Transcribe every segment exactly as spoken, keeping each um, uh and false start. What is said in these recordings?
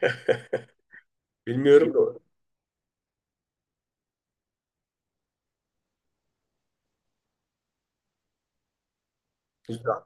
Bilmiyorum da. Güzel.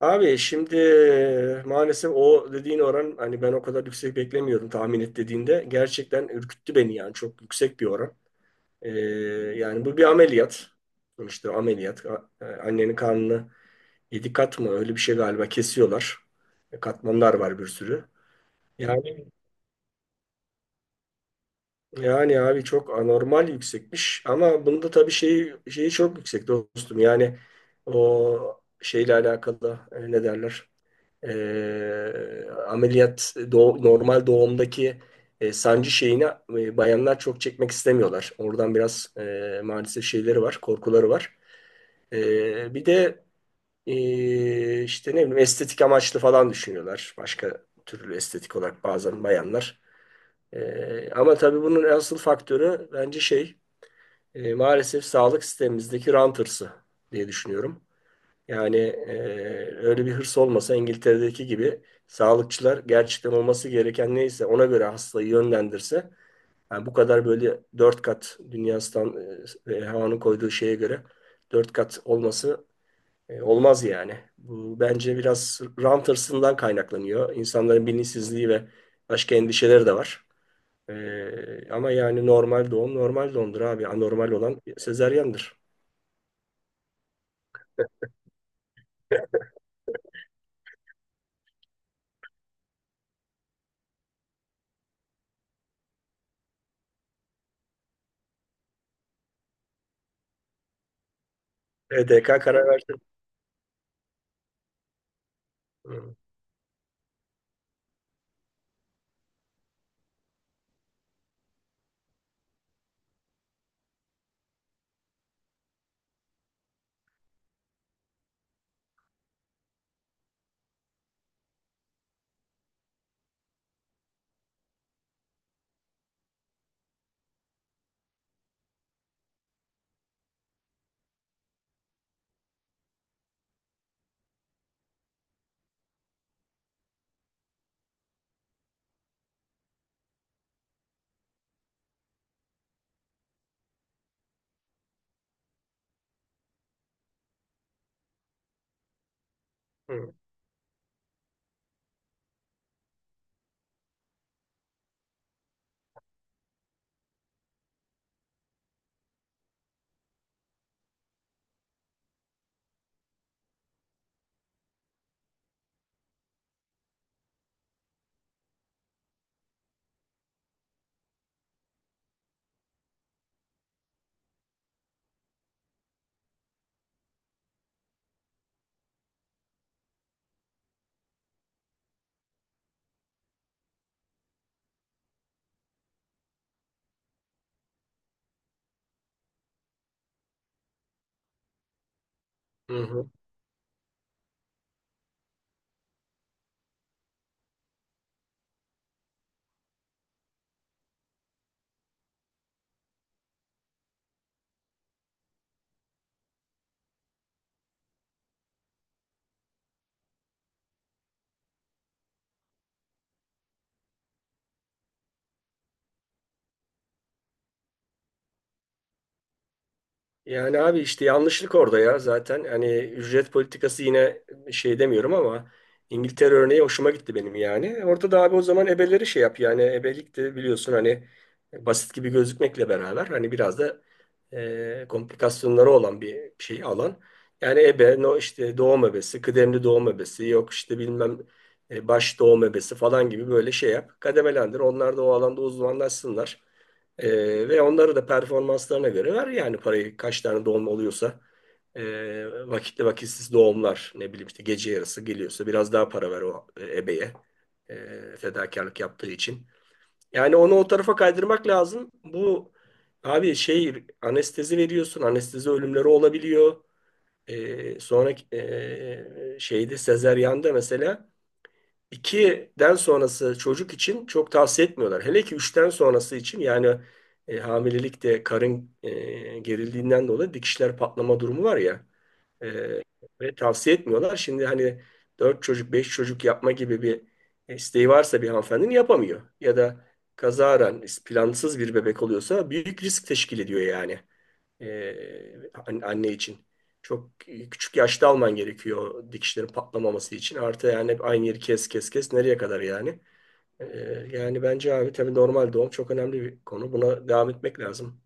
Abi şimdi maalesef o dediğin oran, hani ben o kadar yüksek beklemiyordum tahmin et dediğinde. Gerçekten ürküttü beni, yani çok yüksek bir oran. Ee, Yani bu bir ameliyat. İşte ameliyat. A- e, Annenin karnını yedi kat mı öyle bir şey galiba kesiyorlar. E, Katmanlar var bir sürü. Yani yani abi çok anormal yüksekmiş, ama bunda tabii şeyi şeyi çok yüksek dostum. Yani o şeyle alakalı, e, ne derler? E, ameliyat doğ- normal doğumdaki e, sancı şeyini e, bayanlar çok çekmek istemiyorlar. Oradan biraz, e, maalesef şeyleri var, korkuları var. E, bir de e, işte ne bileyim estetik amaçlı falan düşünüyorlar. Başka türlü estetik olarak bazen bayanlar. E, ama tabii bunun asıl faktörü bence şey, e, maalesef sağlık sistemimizdeki rant hırsı diye düşünüyorum. Yani e, öyle bir hırs olmasa, İngiltere'deki gibi sağlıkçılar gerçekten olması gereken neyse ona göre hastayı yönlendirse, yani bu kadar böyle dört kat dünya stand, e, havanın koyduğu şeye göre dört kat olması e, olmaz yani. Bu bence biraz rant hırsından kaynaklanıyor. İnsanların bilinçsizliği ve başka endişeleri de var. E, ama yani normal doğum normal doğumdur abi. Anormal olan sezaryandır. E D K karar verdi. Hı hı. hı hı. Yani abi işte yanlışlık orada ya zaten. Hani ücret politikası yine şey demiyorum ama İngiltere örneği hoşuma gitti benim yani. Orada da abi, o zaman ebeleri şey yap. Yani ebelik de biliyorsun, hani basit gibi gözükmekle beraber hani biraz da e, komplikasyonları olan bir şey alan. Yani ebe, no işte doğum ebesi, kıdemli doğum ebesi, yok işte bilmem e, baş doğum ebesi falan gibi böyle şey yap. Kademelendir. Onlar da o alanda uzmanlaşsınlar. Ee, ve onları da performanslarına göre ver. Yani parayı, kaç tane doğum oluyorsa e, vakitli vakitsiz doğumlar, ne bileyim işte gece yarısı geliyorsa biraz daha para ver o e, ebeye, e, fedakarlık yaptığı için. Yani onu o tarafa kaydırmak lazım. Bu abi, şey, anestezi veriyorsun, anestezi ölümleri olabiliyor. E, sonra e, şeyde, sezeryanda mesela ikiden sonrası çocuk için çok tavsiye etmiyorlar. Hele ki üçten sonrası için. Yani e, hamilelikte karın e, gerildiğinden dolayı dikişler patlama durumu var ya. E, Ve tavsiye etmiyorlar. Şimdi hani dört çocuk, beş çocuk yapma gibi bir e, isteği varsa bir hanımefendinin, yapamıyor. Ya da kazaran plansız bir bebek oluyorsa büyük risk teşkil ediyor yani. Ee, an- anne için. Çok küçük yaşta alman gerekiyor, dikişlerin patlamaması için. Artı yani hep aynı yeri kes kes kes, nereye kadar yani. Ee, Yani bence abi tabii normal doğum çok önemli bir konu. Buna devam etmek lazım.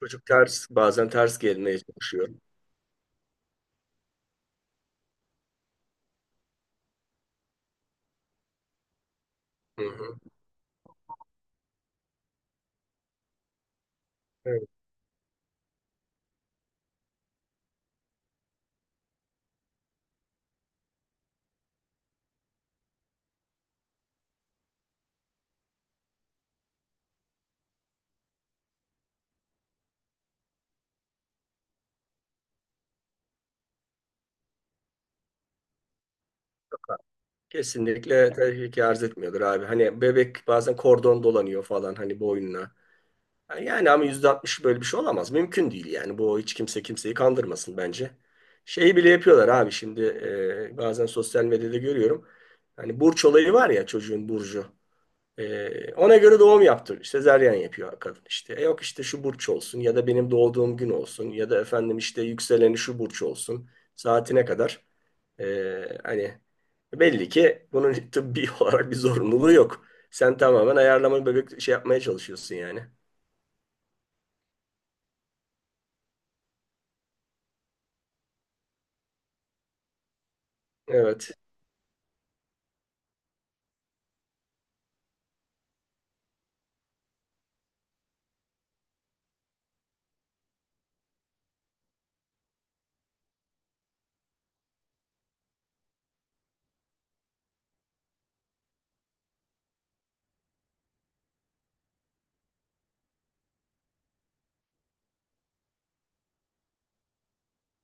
Çocuk ters, bazen ters gelmeye çalışıyor. Hı hı. Evet. Çok haklı. Kesinlikle tehlike arz etmiyordur abi. Hani bebek bazen kordon dolanıyor falan, hani boynuna. Yani ama yüzde altmış böyle bir şey olamaz. Mümkün değil yani. Bu, hiç kimse kimseyi kandırmasın bence. Şeyi bile yapıyorlar abi şimdi, e, bazen sosyal medyada görüyorum. Hani burç olayı var ya, çocuğun burcu. E, ona göre doğum yaptır. Sezaryen yapıyor kadın işte. E, yok işte şu burç olsun, ya da benim doğduğum gün olsun, ya da efendim işte yükseleni şu burç olsun. Saatine kadar. E, hani belli ki bunun tıbbi olarak bir zorunluluğu yok. Sen tamamen ayarlama bebek şey yapmaya çalışıyorsun yani. Evet.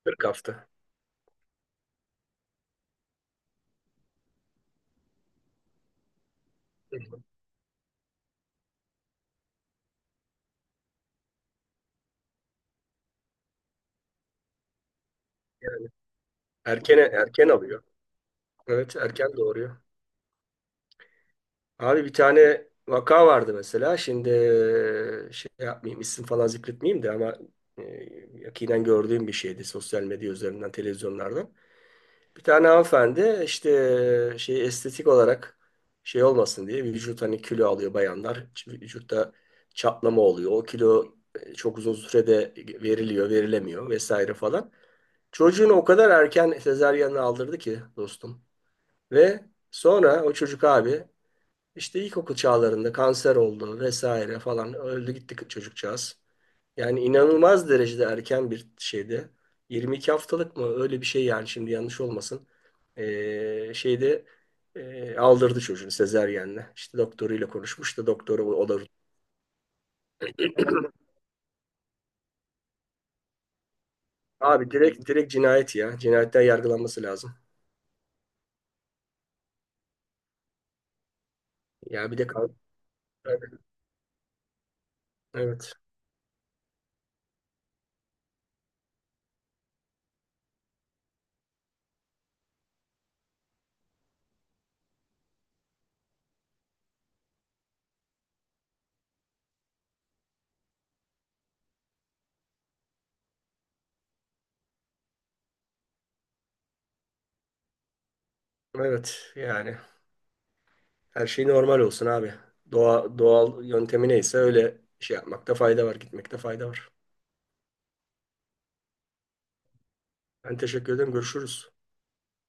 kırk hafta. Hı hı. Yani erken erken alıyor. Evet, erken doğuruyor. Abi bir tane vaka vardı mesela. Şimdi e, şey yapmayayım, isim falan zikretmeyeyim de ama e, yakinen gördüğüm bir şeydi, sosyal medya üzerinden, televizyonlardan. Bir tane hanımefendi işte e, şey, estetik olarak şey olmasın diye, vücut, hani kilo alıyor bayanlar. Vücutta çatlama oluyor. O kilo e, çok uzun sürede veriliyor, verilemiyor vesaire falan. Çocuğunu o kadar erken sezaryenle aldırdı ki dostum. Ve sonra o çocuk abi işte ilkokul çağlarında kanser oldu vesaire falan, öldü gitti çocukcağız. Yani inanılmaz derecede erken bir şeydi. Yirmi iki haftalık mı, öyle bir şey yani, şimdi yanlış olmasın. Ee, şeyde e, aldırdı çocuğunu sezeryenle. İşte doktoruyla konuşmuş da doktoru o o da abi direkt direkt cinayet ya. Cinayetten yargılanması lazım. Ya bir de kan- evet evet, yani her şey normal olsun abi. Doğa, doğal yöntemi neyse öyle şey yapmakta fayda var, gitmekte fayda var. Ben teşekkür ederim. Görüşürüz.